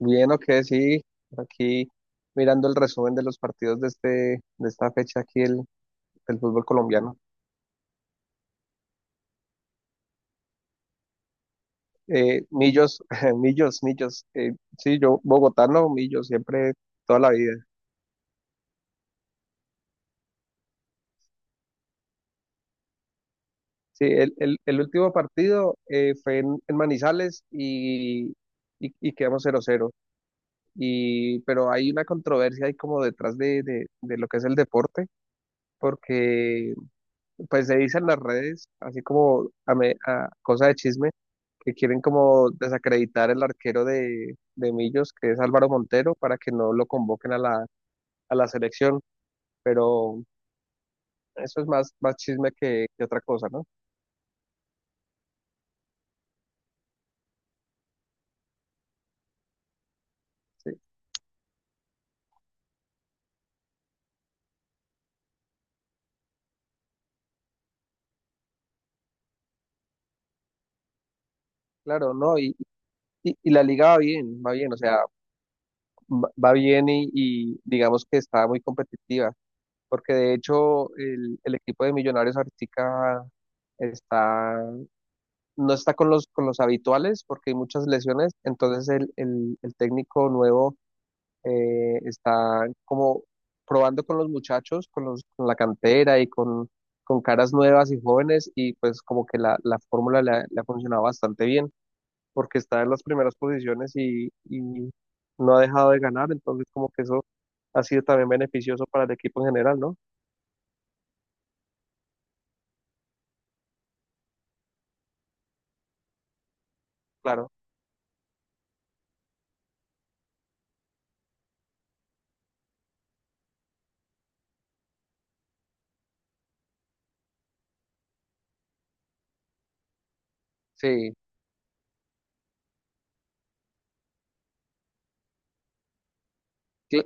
Bien, ok, sí. Aquí mirando el resumen de los partidos de de esta fecha del fútbol colombiano. Millos, Millos. Sí, yo bogotano, Millos, siempre, toda la vida. Sí, el último partido fue en Manizales y quedamos cero cero. Y pero hay una controversia ahí como detrás de lo que es el deporte, porque pues se dice en las redes, así como a cosa de chisme que quieren como desacreditar el arquero de Millos, que es Álvaro Montero, para que no lo convoquen a a la selección. Pero eso es más chisme que otra cosa, ¿no? Sí, claro, no, y la liga va bien, o sea, va bien y digamos que está muy competitiva, porque de hecho el equipo de Millonarios ahorita está, no está con los habituales porque hay muchas lesiones, entonces el técnico nuevo está como probando con los muchachos, con la cantera y con caras nuevas y jóvenes, y pues como que la fórmula le ha funcionado bastante bien porque está en las primeras posiciones y no ha dejado de ganar, entonces como que eso ha sido también beneficioso para el equipo en general, ¿no? Claro, sí, sí,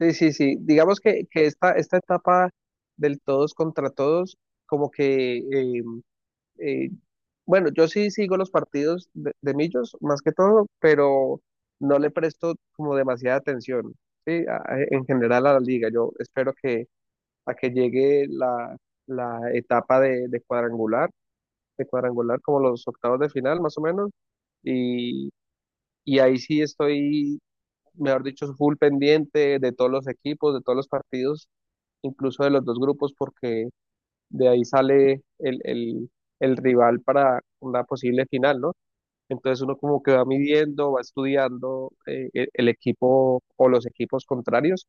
sí, sí, sí. Digamos que esta etapa del todos contra todos como que eh, bueno, yo sí sigo los partidos de Millos, más que todo, pero no le presto como demasiada atención, ¿sí? En general a la liga. Yo espero que a que llegue la etapa de cuadrangular como los octavos de final, más o menos, y, y ahí sí estoy, mejor dicho, full pendiente de todos los equipos, de todos los partidos, incluso de los dos grupos, porque de ahí sale el rival para una posible final, ¿no? Entonces uno como que va midiendo, va estudiando, el equipo o los equipos contrarios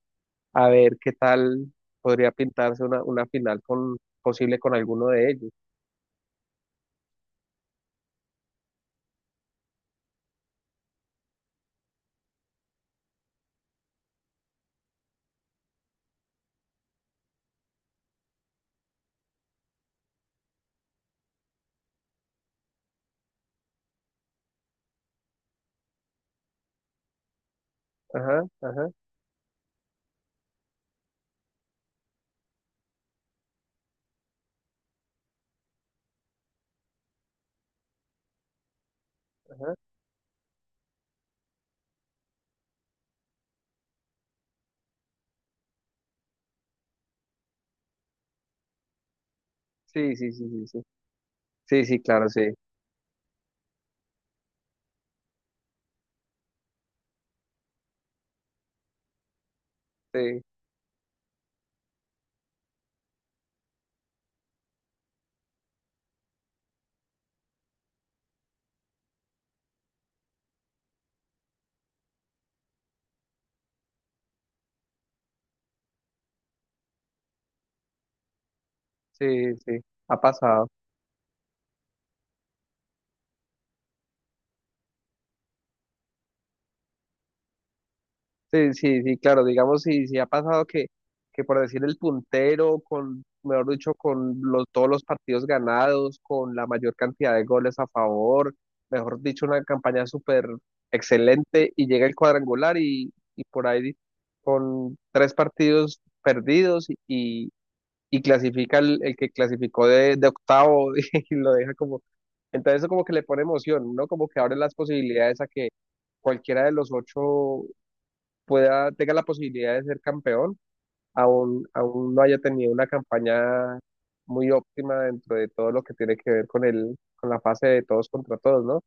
a ver qué tal podría pintarse una final con, posible con alguno de ellos. Ajá, ajá, ajá. Sí, sí, sí, sí, sí. Sí, sí, claro, sí. Sí, sí, sí. Ha pasado. Sí, sí, sí, claro, digamos, si ha pasado que por decir el puntero, con, mejor dicho, con los, todos los partidos ganados, con la mayor cantidad de goles a favor, mejor dicho, una campaña súper excelente, y llega el cuadrangular y por ahí con tres partidos perdidos, y clasifica el que clasificó de octavo y lo deja como... Entonces eso como que le pone emoción, ¿no? Como que abre las posibilidades a que cualquiera de los ocho pueda, tenga la posibilidad de ser campeón, aún, aún no haya tenido una campaña muy óptima dentro de todo lo que tiene que ver con el, con la fase de todos contra todos, ¿no?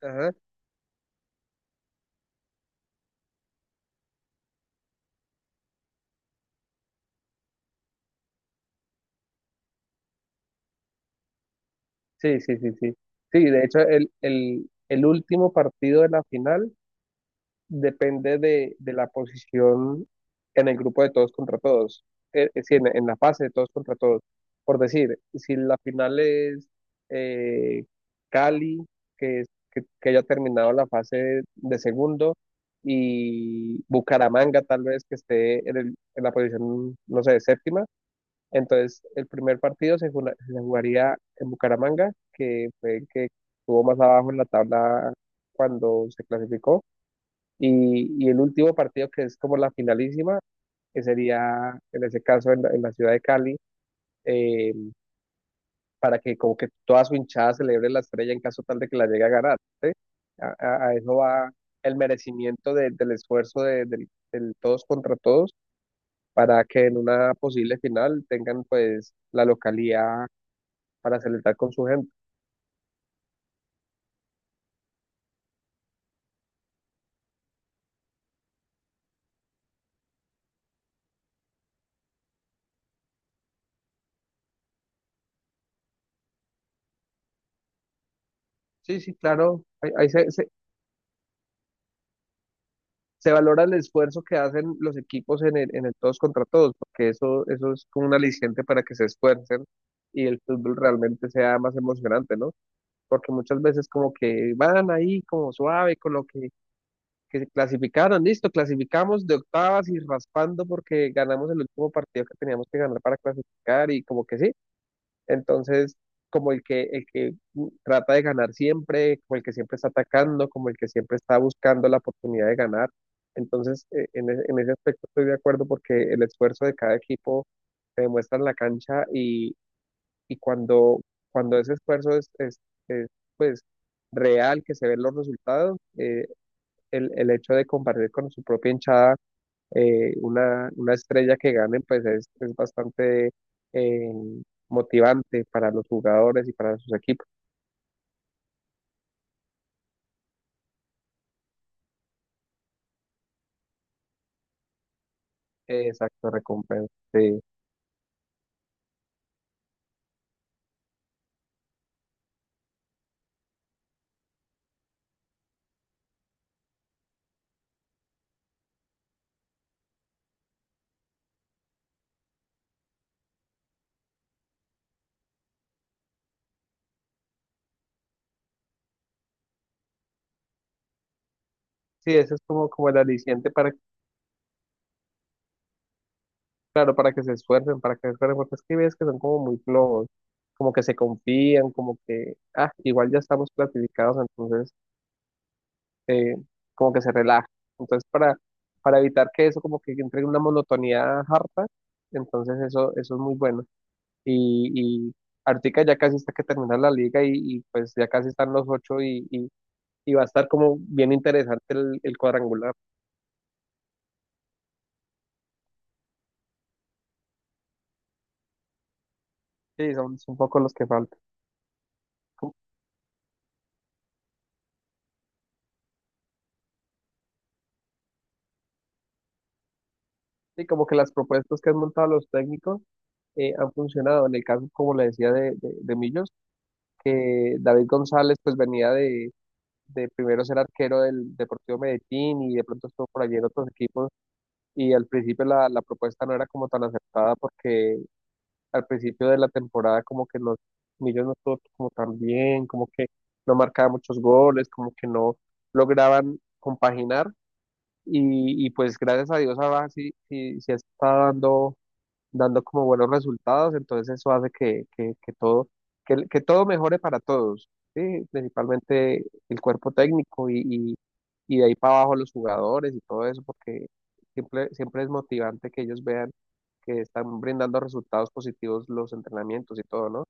Ajá. Sí, sí, sí, sí. Sí, de hecho, el último partido de la final depende de la posición en el grupo de todos contra todos, es decir, en la fase de todos contra todos. Por decir, si la final es eh, Cali, que haya terminado la fase de segundo, y Bucaramanga tal vez que esté en la posición, no sé, séptima, entonces el primer partido se jugaría en Bucaramanga, que fue el que estuvo más abajo en la tabla cuando se clasificó, y el último partido, que es como la finalísima, que sería en ese caso en en la ciudad de Cali, eh, para que como que toda su hinchada celebre la estrella en caso tal de que la llegue a ganar, ¿sí? A eso va el merecimiento del esfuerzo del todos contra todos, para que en una posible final tengan pues la localía para celebrar con su gente. Sí, sí, claro, ahí se, se valora el esfuerzo que hacen los equipos en el todos contra todos, porque eso es como un aliciente para que se esfuercen y el fútbol realmente sea más emocionante, ¿no? Porque muchas veces como que van ahí como suave con lo que se clasificaron, listo, clasificamos de octavas y raspando porque ganamos el último partido que teníamos que ganar para clasificar y como que sí, entonces, como el que trata de ganar siempre, como el que siempre está atacando, como el que siempre está buscando la oportunidad de ganar. Entonces, en ese aspecto estoy de acuerdo porque el esfuerzo de cada equipo se demuestra en la cancha y cuando, cuando ese esfuerzo es, pues real, que se ven los resultados, el hecho de compartir con su propia hinchada, una estrella que gane, pues es bastante eh, motivante para los jugadores y para sus equipos. Exacto, recompensa. Sí, sí, eso es como, como el aliciente claro, para que se esfuercen, para que se esfuercen, porque es que ves que son como muy flojos, como que se confían, como que, ah, igual ya estamos clasificados, entonces eh, como que se relaja. Entonces, para evitar que eso como que entre en una monotonía harta, entonces eso es muy bueno. Y ahorita ya casi está que termina la liga pues ya casi están los ocho y va a estar como bien interesante el cuadrangular. Sí, son, son un poco los que faltan. Como... Sí, como que las propuestas que han montado los técnicos han funcionado. En el caso, como le decía, de Millos, que David González pues venía de primero ser arquero del Deportivo Medellín y de pronto estuvo por allí en otros equipos, y al principio la propuesta no era como tan aceptada porque al principio de la temporada como que los Millos no estuvo como tan bien, como que no marcaba muchos goles, como que no lograban compaginar, y pues gracias a Dios ahora sí, sí, sí está dando dando como buenos resultados, entonces eso hace que todo, que todo mejore para todos, ¿sí? Principalmente el cuerpo técnico y de ahí para abajo los jugadores y todo eso, porque siempre, siempre es motivante que ellos vean que están brindando resultados positivos los entrenamientos y todo, ¿no?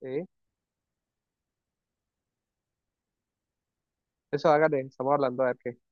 Sí, eso hágale, estamos hablando a ver qué.